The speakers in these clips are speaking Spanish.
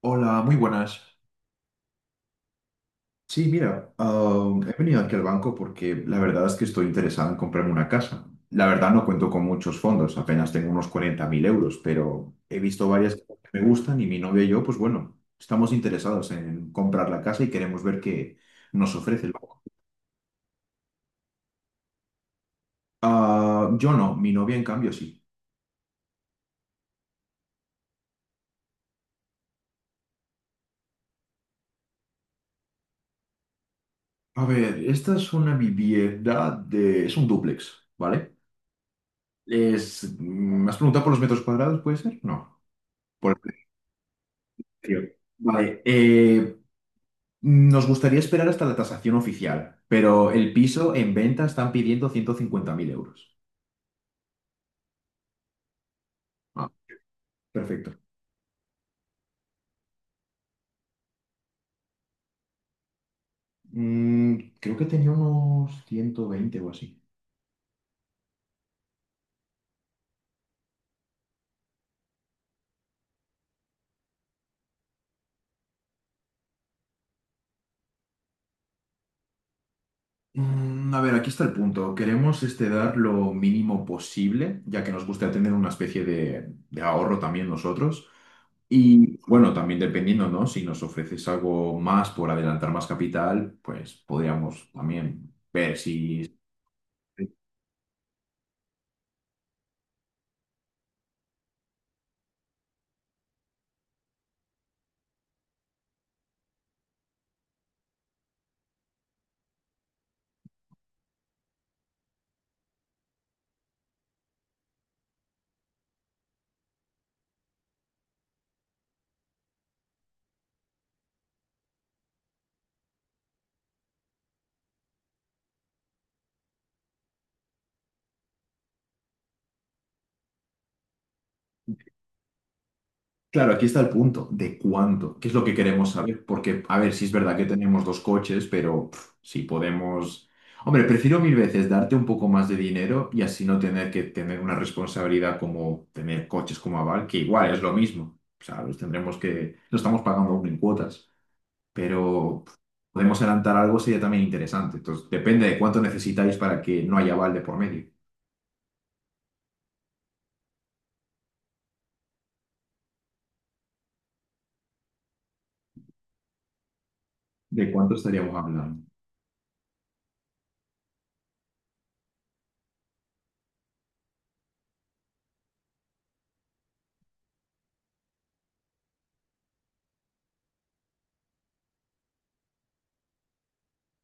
Hola, muy buenas. Sí, mira, he venido aquí al banco porque la verdad es que estoy interesado en comprarme una casa. La verdad no cuento con muchos fondos, apenas tengo unos 40.000 euros, pero he visto varias que me gustan y mi novia y yo, pues bueno, estamos interesados en comprar la casa y queremos ver qué nos ofrece el banco. Ah, yo no, mi novia en cambio sí. A ver, esta es una vivienda de... es un dúplex, ¿vale? Es... ¿me has preguntado por los metros cuadrados, puede ser? No. Tío. Vale, nos gustaría esperar hasta la tasación oficial, pero el piso en venta están pidiendo 150.000 euros. Ah, perfecto. Mm, creo que tenía unos 120 o así. Mm, a ver, aquí está el punto. Queremos este, dar lo mínimo posible, ya que nos gusta tener una especie de ahorro también nosotros. Y bueno, también dependiendo, ¿no? Si nos ofreces algo más por adelantar más capital, pues podríamos también ver si... Claro, aquí está el punto de cuánto, qué es lo que queremos saber, porque, a ver, si es verdad que tenemos dos coches, pero pff, si podemos... Hombre, prefiero mil veces darte un poco más de dinero y así no tener que tener una responsabilidad como tener coches como aval, que igual es lo mismo. O sea, los tendremos que... Lo estamos pagando aún en cuotas, pero pff, podemos adelantar algo sería también interesante. Entonces, depende de cuánto necesitáis para que no haya aval de por medio. ¿De cuánto estaríamos hablando?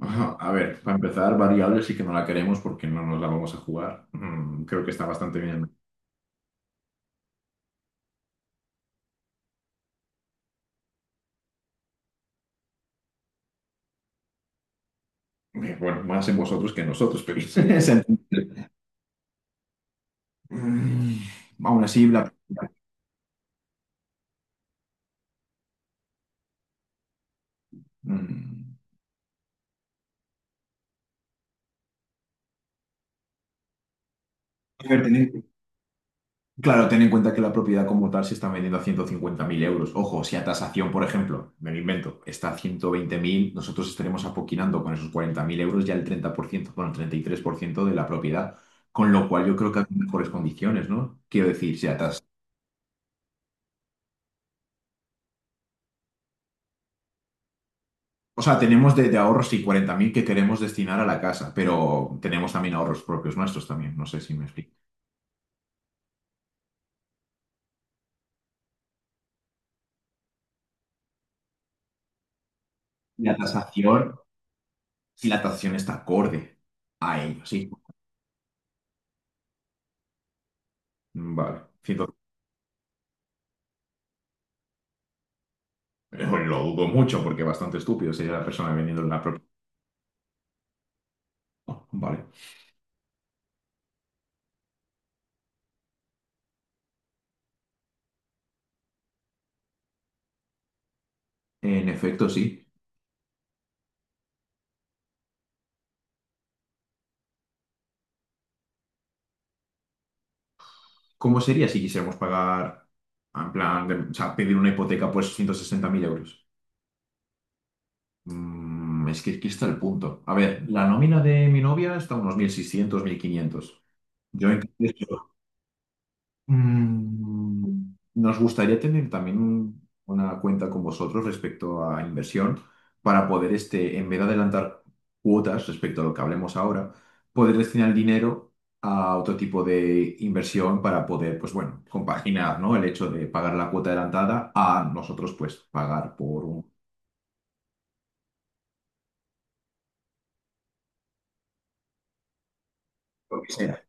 Ajá, a ver, para empezar, variable sí que no la queremos porque no nos la vamos a jugar. Mm, creo que está bastante bien. Bueno, más en vosotros que en nosotros, pero es entendible. Mm, aún así, la... mm, a ver, claro, ten en cuenta que la propiedad como tal se está vendiendo a 150.000 euros. Ojo, si a tasación, por ejemplo, me lo invento, está a 120.000. Nosotros estaremos apoquinando con esos 40.000 euros ya el 30%, bueno, el 33% de la propiedad. Con lo cual yo creo que hay mejores condiciones, ¿no? Quiero decir, si a tas-... O sea, tenemos de ahorros y 40.000 que queremos destinar a la casa, pero tenemos también ahorros propios nuestros también. No sé si me explico. Y la tasación, si la tasación está acorde a ello, sí. Vale. Ciento-... Lo dudo mucho porque bastante estúpido sería la persona vendiendo la propia. Oh, vale. En efecto, sí. ¿Cómo sería si quisiéramos pagar, en plan, o sea, pedir una hipoteca por esos 160.000 euros? Mm, es que aquí está el punto. A ver, la nómina de mi novia está a unos mil 1.500. Yo en cambio... Mm, nos gustaría tener también una cuenta con vosotros respecto a inversión para poder, este, en vez de adelantar cuotas respecto a lo que hablemos ahora, poder destinar el dinero a otro tipo de inversión para poder, pues bueno, compaginar, ¿no? El hecho de pagar la cuota adelantada a nosotros, pues, pagar por un... Lo que sea.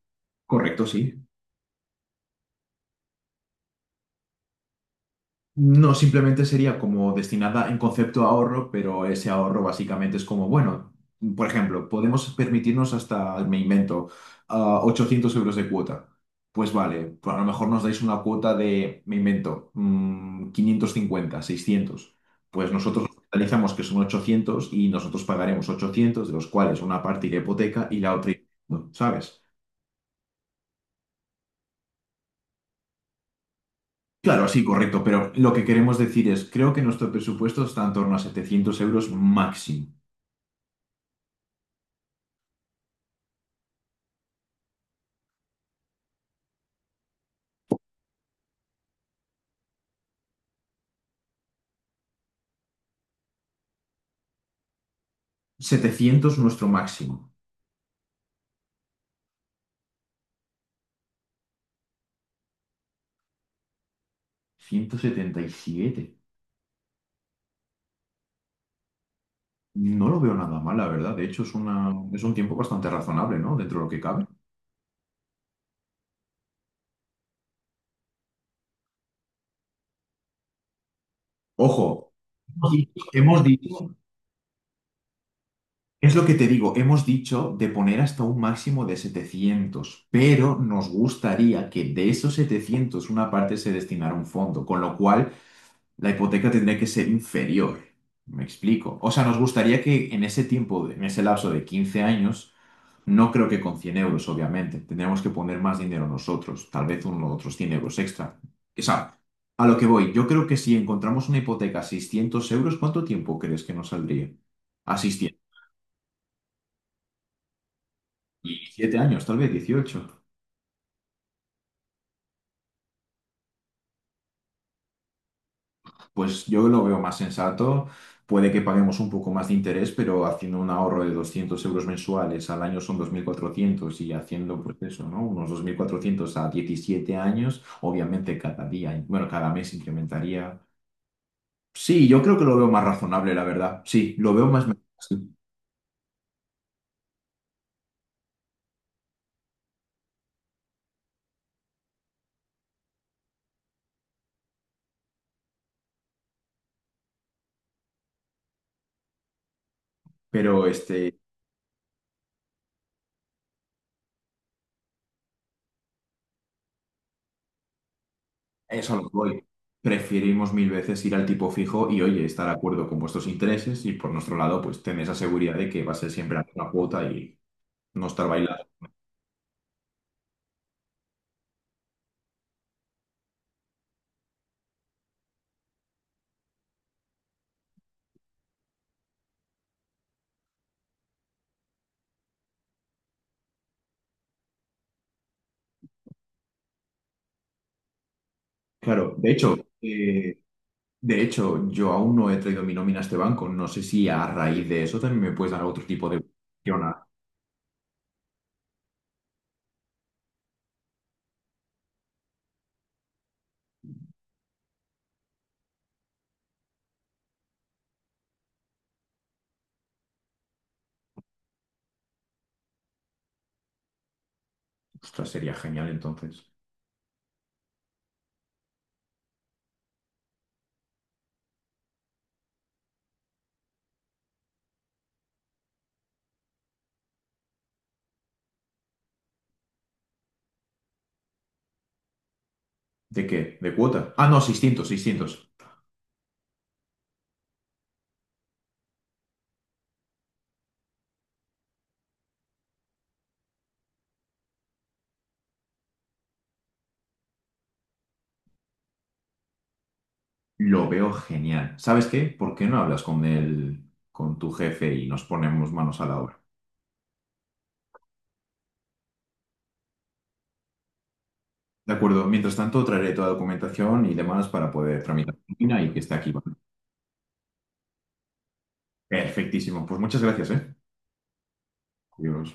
Correcto, sí. No, simplemente sería como destinada en concepto a ahorro, pero ese ahorro básicamente es como, bueno, por ejemplo, podemos permitirnos hasta, me invento, 800 euros de cuota. Pues vale, pues a lo mejor nos dais una cuota de, me invento, 550, 600 Pues nosotros realizamos que son 800 y nosotros pagaremos 800, de los cuales una parte irá a hipoteca y la otra, no, ¿sabes? Claro, sí, correcto, pero lo que queremos decir es, creo que nuestro presupuesto está en torno a 700 euros máximo. 700 nuestro máximo. 177. No lo veo nada mal, la verdad. De hecho, es una, es un tiempo bastante razonable, ¿no? Dentro de lo que cabe. Ojo, y hemos dicho, es lo que te digo, hemos dicho de poner hasta un máximo de 700, pero nos gustaría que de esos 700 una parte se destinara a un fondo, con lo cual la hipoteca tendría que ser inferior. ¿Me explico? O sea, nos gustaría que en ese tiempo, en ese lapso de 15 años, no creo que con 100 euros, obviamente, tendríamos que poner más dinero nosotros, tal vez unos otros 100 euros extra. O sea, a lo que voy, yo creo que si encontramos una hipoteca a 600 euros, ¿cuánto tiempo crees que nos saldría? A 600. 17 años, tal vez 18. Pues yo lo veo más sensato. Puede que paguemos un poco más de interés, pero haciendo un ahorro de 200 euros mensuales al año son 2.400, y haciendo, pues eso, ¿no? Unos 2.400 a 17 años, obviamente cada día, bueno, cada mes incrementaría. Sí, yo creo que lo veo más razonable, la verdad. Sí, lo veo más, sí, pero este, eso lo voy. Preferimos mil veces ir al tipo fijo y, oye, estar de acuerdo con vuestros intereses y por nuestro lado, pues tener esa seguridad de que va a ser siempre la misma cuota y no estar bailando. Claro, de hecho, eh, de hecho, yo aún no he traído mi nómina a este banco. No sé si a raíz de eso también me puedes dar otro tipo de opción. A-... Ostras, sería genial entonces. ¿De qué? ¿De cuota? Ah, no, 600, 600. Lo veo genial. ¿Sabes qué? ¿Por qué no hablas con el, con tu jefe y nos ponemos manos a la obra? De acuerdo, mientras tanto traeré toda la documentación y demás para poder tramitar la nómina y que esté aquí. ¿Vale? Perfectísimo. Pues muchas gracias, ¿eh? Adiós.